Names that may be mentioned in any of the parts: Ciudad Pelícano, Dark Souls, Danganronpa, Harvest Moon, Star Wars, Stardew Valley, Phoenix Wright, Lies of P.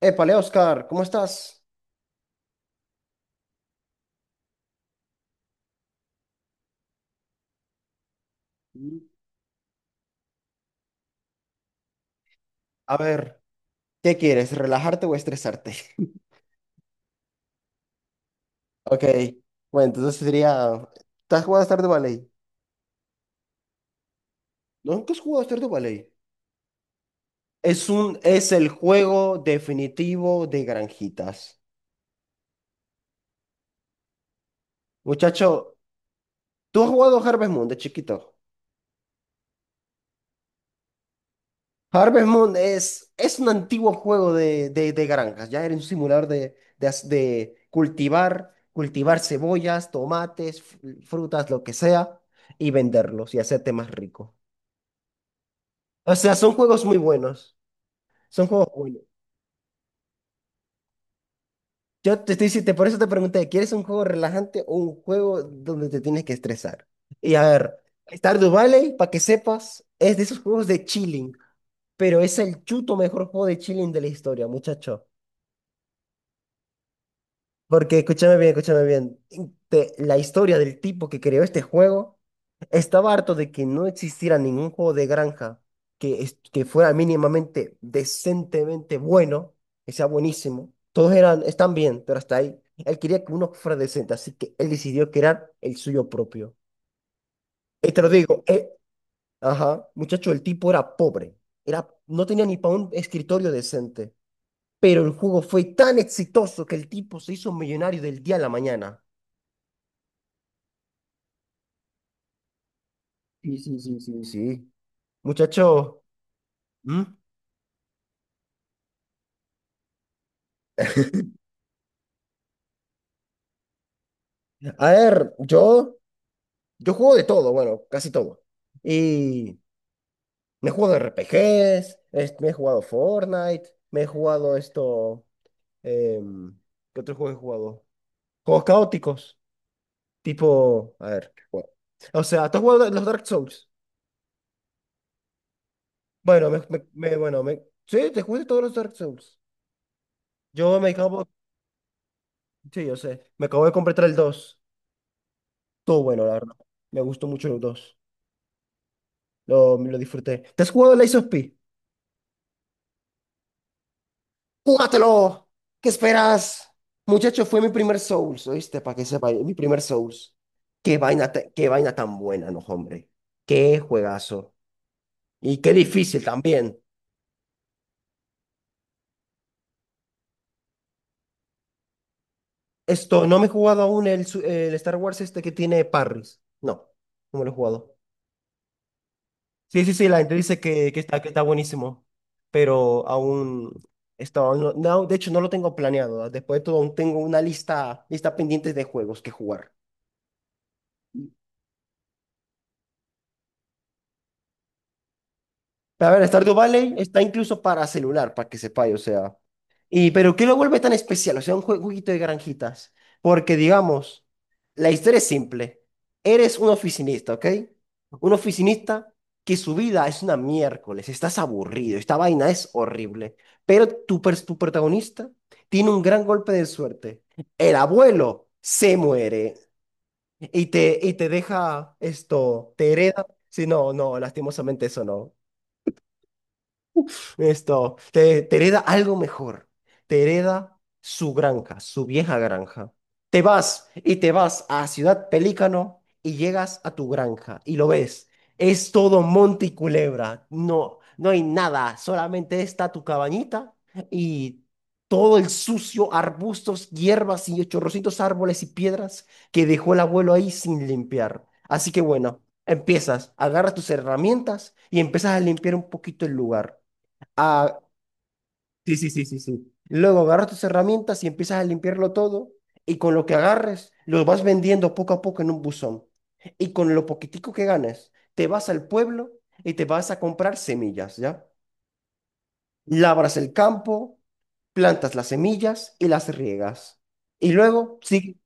Épale, Oscar, ¿cómo estás? Mm. A ver, ¿qué quieres? ¿Relajarte o estresarte? Ok, bueno, entonces sería. ¿Te has jugado a Stardew de Valley? ¿Nunca has jugado a Stardew Valley? Es el juego definitivo de granjitas. Muchacho, ¿tú has jugado a Harvest Moon de chiquito? Harvest Moon es un antiguo juego de granjas, ya era un simulador de cultivar cebollas, tomates, frutas, lo que sea, y venderlos y hacerte más rico. O sea, son juegos muy buenos, son juegos buenos. Yo te estoy diciendo, por eso te pregunté, ¿quieres un juego relajante o un juego donde te tienes que estresar? Y a ver, Stardew Valley, para que sepas, es de esos juegos de chilling, pero es el chuto mejor juego de chilling de la historia, muchacho. Porque escúchame bien, escúchame bien. La historia del tipo que creó este juego estaba harto de que no existiera ningún juego de granja que fuera mínimamente, decentemente bueno, que sea buenísimo. Todos eran, están bien, pero hasta ahí. Él quería que uno fuera decente, así que él decidió crear el suyo propio. Y te lo digo, ajá, muchacho, el tipo era pobre. Era, no tenía ni para un escritorio decente. Pero el juego fue tan exitoso que el tipo se hizo millonario del día a la mañana. Sí, sí, sí, sí, sí. Muchacho, ¿Mm? A ver, yo juego de todo, bueno, casi todo. Y me he jugado RPGs, me he jugado Fortnite, me he jugado esto, em, ¿qué otro juego he jugado? Juegos caóticos, tipo, a ver, ¿qué juego? O sea, ¿tú has jugado los Dark Souls? Bueno, sí, te jugué todos los Dark Souls. Yo me acabo, sí, yo sé, me acabo de completar el dos. Todo bueno, la verdad. Me gustó mucho el dos. Lo disfruté. ¿Te has jugado el Lies of P? ¡Júgatelo! ¿Qué esperas? Muchacho, fue mi primer Souls, ¿oíste? Para que sepa, mi primer Souls. Qué vaina tan buena, no, hombre. Qué juegazo. Y qué difícil también. Esto, no me he jugado aún el Star Wars este que tiene Parris. No, no me lo he jugado. Sí, sí, sí, la gente dice que está buenísimo, pero aún está, no, no, de hecho no lo tengo planeado. Después de todo, aún tengo una lista pendiente de juegos que jugar. A ver, Stardew Valley está incluso para celular, para que sepáis, o sea. Pero ¿qué lo vuelve tan especial? O sea, un jueguito de granjitas. Porque, digamos, la historia es simple. Eres un oficinista, ¿ok? Un oficinista que su vida es una miércoles, estás aburrido, esta vaina es horrible. Pero tu protagonista tiene un gran golpe de suerte. El abuelo se muere y te deja esto, te hereda. Sí, no, no, lastimosamente eso no. Esto, te hereda algo mejor. Te hereda su granja, su vieja granja. Te vas a Ciudad Pelícano y llegas a tu granja y lo ves. Es todo monte y culebra. No, no hay nada. Solamente está tu cabañita y todo el sucio, arbustos, hierbas y chorrocitos árboles y piedras que dejó el abuelo ahí sin limpiar. Así que bueno, empiezas, agarras tus herramientas y empiezas a limpiar un poquito el lugar. Ah, sí, sí, sí, sí, sí. Luego agarras tus herramientas y empiezas a limpiarlo todo. Y con lo que agarres, lo vas vendiendo poco a poco en un buzón. Y con lo poquitico que ganes, te vas al pueblo y te vas a comprar semillas, ¿ya? Labras el campo, plantas las semillas y las riegas. Y luego, sí.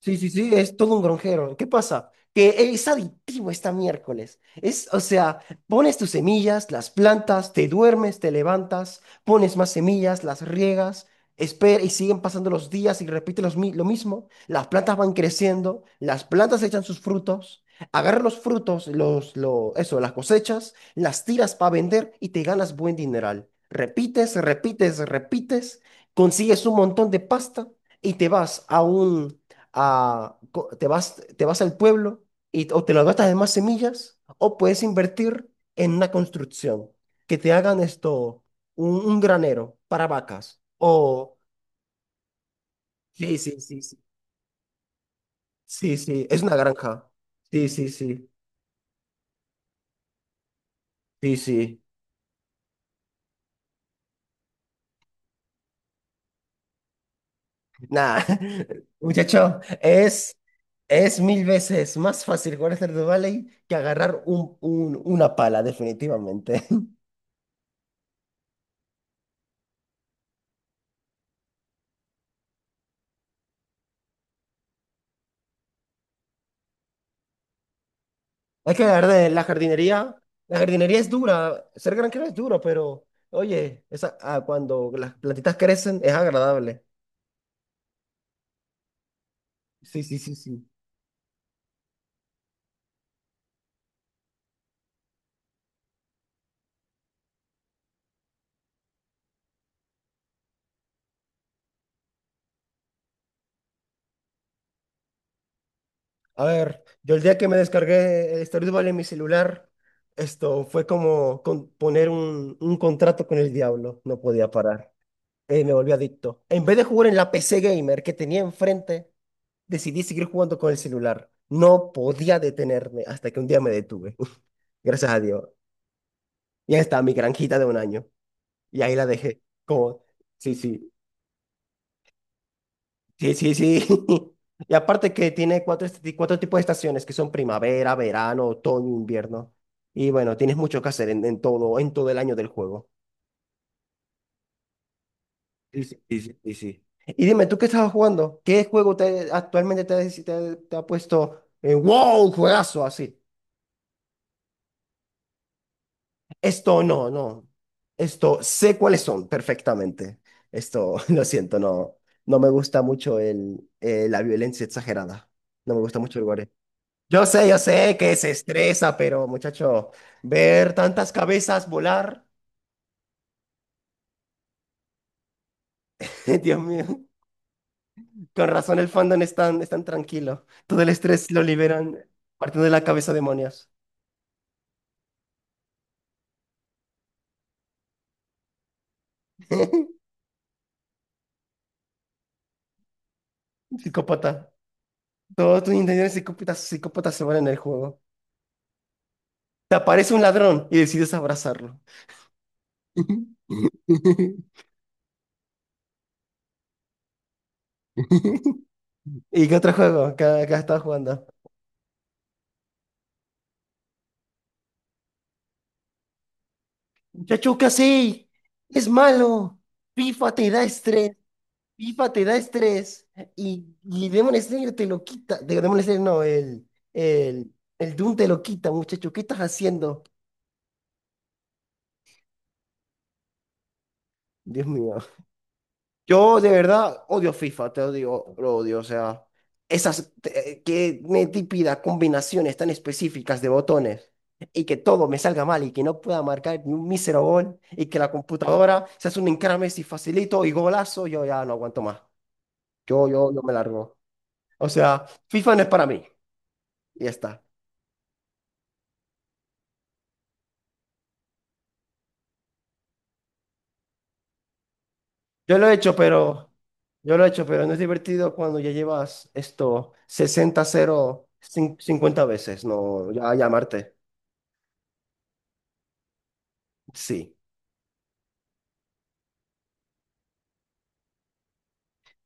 Sí, sí, sí, es todo un gronjero. ¿Qué pasa? Que es adictivo esta miércoles. O sea, pones tus semillas, las plantas, te duermes, te levantas, pones más semillas, las riegas, espera y siguen pasando los días y repite lo mismo. Las plantas van creciendo, las plantas echan sus frutos, agarras los frutos, las cosechas, las tiras para vender y te ganas buen dineral. Repites, repites, repites, consigues un montón de pasta y te vas a un a- co- te vas al pueblo y o te lo gastas en más semillas o puedes invertir en una construcción que te hagan esto, un granero para vacas o. Sí, sí, sí, sí. Sí, sí, es una granja. Sí, sí, sí, sí, sí. Nada, muchacho, es mil veces más fácil jugar Stardew Valley que agarrar una pala, definitivamente. Es que la verdad, la jardinería es dura, ser granjero es duro, pero oye, esa, cuando las plantitas crecen es agradable. Sí, sí, sí, sí. A ver, yo el día que me descargué el Stardew Valley en mi celular, esto fue como poner un contrato con el diablo, no podía parar. Me volví adicto. En vez de jugar en la PC gamer que tenía enfrente, decidí seguir jugando con el celular. No podía detenerme hasta que un día me detuve. Gracias a Dios. Ya está mi granjita de un año. Y ahí la dejé. Como. Sí, sí, sí, sí, sí. Y aparte que tiene cuatro tipos de estaciones que son primavera, verano, otoño, invierno. Y bueno, tienes mucho que hacer en todo el año del juego. Sí, sí, sí, sí, sí, sí. Y dime, ¿tú qué estabas jugando? ¿Qué juego actualmente te ha puesto en wow, juegazo así? Esto no, no. Esto sé cuáles son perfectamente. Esto, lo siento, no. No me gusta mucho la violencia exagerada. No me gusta mucho el gore. Yo sé que se estresa, pero muchacho, ver tantas cabezas volar. Dios mío, con razón el fandom es tan, tranquilo. Todo el estrés lo liberan partiendo de la cabeza demonios. Psicópata. Todos tus intenciones psicópatas, psicópatas se van en el juego. Te aparece un ladrón y decides abrazarlo. ¿Y qué otro juego? ¿Qué has jugando? Muchacho, ¿qué hacéis? Es malo. FIFA te da estrés. FIFA te da estrés. Y Demon Slayer te lo quita. Demon Slayer no, el, el Doom te lo quita, muchacho. ¿Qué estás haciendo? Dios mío. Yo de verdad odio FIFA, te odio, lo odio. O sea, qué me típida combinaciones tan específicas de botones y que todo me salga mal y que no pueda marcar ni un mísero gol y que la computadora se hace un encrame si facilito y golazo, yo ya no aguanto más. Yo me largo. O sea, FIFA no es para mí. Y ya está. Yo lo he hecho, pero, yo lo he hecho, pero no es divertido cuando ya llevas esto 60 cero 50 veces, no, ya llamarte. Sí.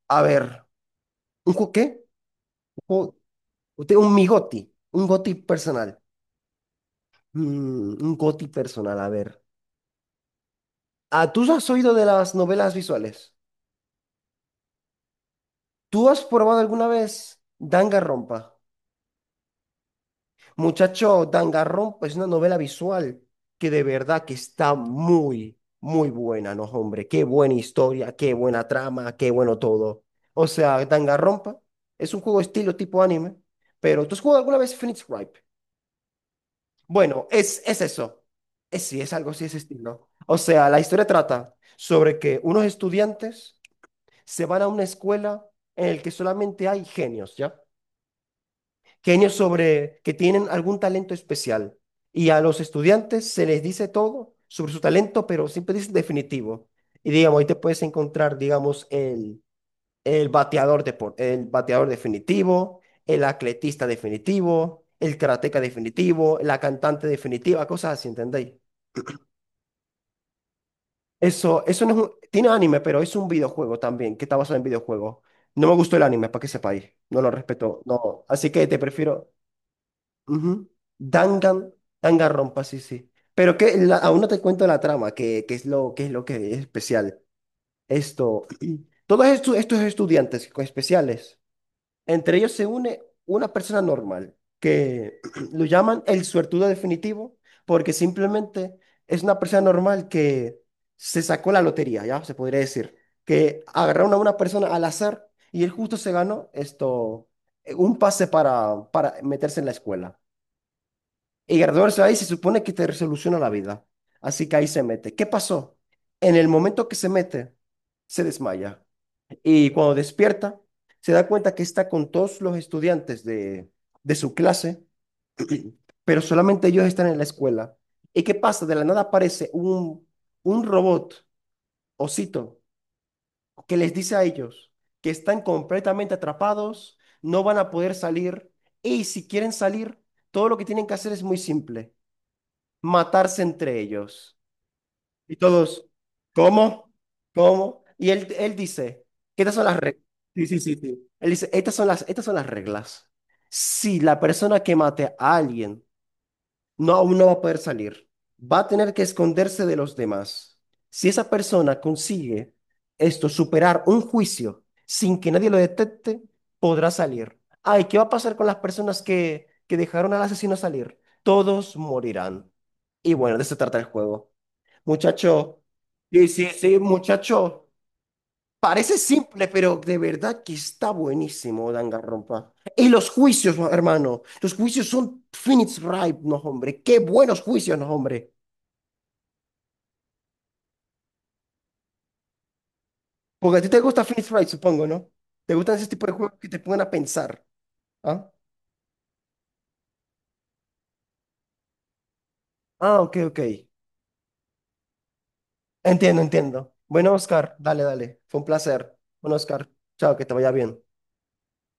A ver, ¿Qué? Un, ju- usted- un mi goti, un goti personal. Mm, un goti personal, a ver. Ah, ¿tú has oído de las novelas visuales? ¿Tú has probado alguna vez Danganronpa? Muchacho, Danganronpa es una novela visual que de verdad que está muy, muy buena, ¿no, hombre? Qué buena historia, qué buena trama, qué bueno todo. O sea, Danganronpa es un juego estilo tipo anime, pero ¿tú has jugado alguna vez Phoenix Wright? Bueno, es eso. Sí, es algo así, ese estilo. O sea, la historia trata sobre que unos estudiantes se van a una escuela en la que solamente hay genios, ¿ya? Genios sobre que tienen algún talento especial. Y a los estudiantes se les dice todo sobre su talento, pero siempre dicen definitivo. Y digamos, ahí te puedes encontrar, digamos, el bateador definitivo, el atletista definitivo, el karateca definitivo, la cantante definitiva, cosas así, ¿entendéis? Eso no es un, tiene anime, pero es un videojuego también, que está basado en videojuegos. No me gustó el anime, para que sepáis. No lo respeto, no. Así que te prefiero. Ujú. Dangan, Danganronpa, sí, sí. Pero aún no te cuento la trama, que es lo que es especial. Esto, todos estos estudiantes especiales entre ellos se une una persona normal, que lo llaman el suertudo definitivo, porque simplemente es una persona normal que se sacó la lotería, ya se podría decir, que agarraron a una persona al azar y él justo se ganó esto, un pase para meterse en la escuela. Y graduarse ahí se supone que te resoluciona la vida. Así que ahí se mete. ¿Qué pasó? En el momento que se mete, se desmaya. Y cuando despierta, se da cuenta que está con todos los estudiantes de su clase, pero solamente ellos están en la escuela. ¿Y qué pasa? De la nada aparece un robot, osito, que les dice a ellos que están completamente atrapados, no van a poder salir, y si quieren salir, todo lo que tienen que hacer es muy simple, matarse entre ellos. Y todos, ¿cómo? ¿Cómo? Y él dice, que estas son las reglas. Sí, sí, sí, sí. Él dice, estas son las reglas. Si la persona que mate a alguien no, aún no va a poder salir, va a tener que esconderse de los demás. Si esa persona consigue esto, superar un juicio sin que nadie lo detecte, podrá salir. Ay, ¿qué va a pasar con las personas que dejaron al asesino salir? Todos morirán. Y bueno, de eso trata el juego. Muchacho, sí, sí, sí, muchacho. Parece simple, pero de verdad que está buenísimo, Danganronpa. Y los juicios, hermano. Los juicios son Phoenix Wright, no, hombre. Qué buenos juicios, no, hombre. Porque a ti te gusta Phoenix Wright, supongo, ¿no? ¿Te gustan ese tipo de juegos que te pongan a pensar? ¿Ah? Ah, ok, ok. Entiendo, entiendo. Bueno, Oscar, dale, dale. Fue un placer. Bueno, Oscar, chao, que te vaya bien.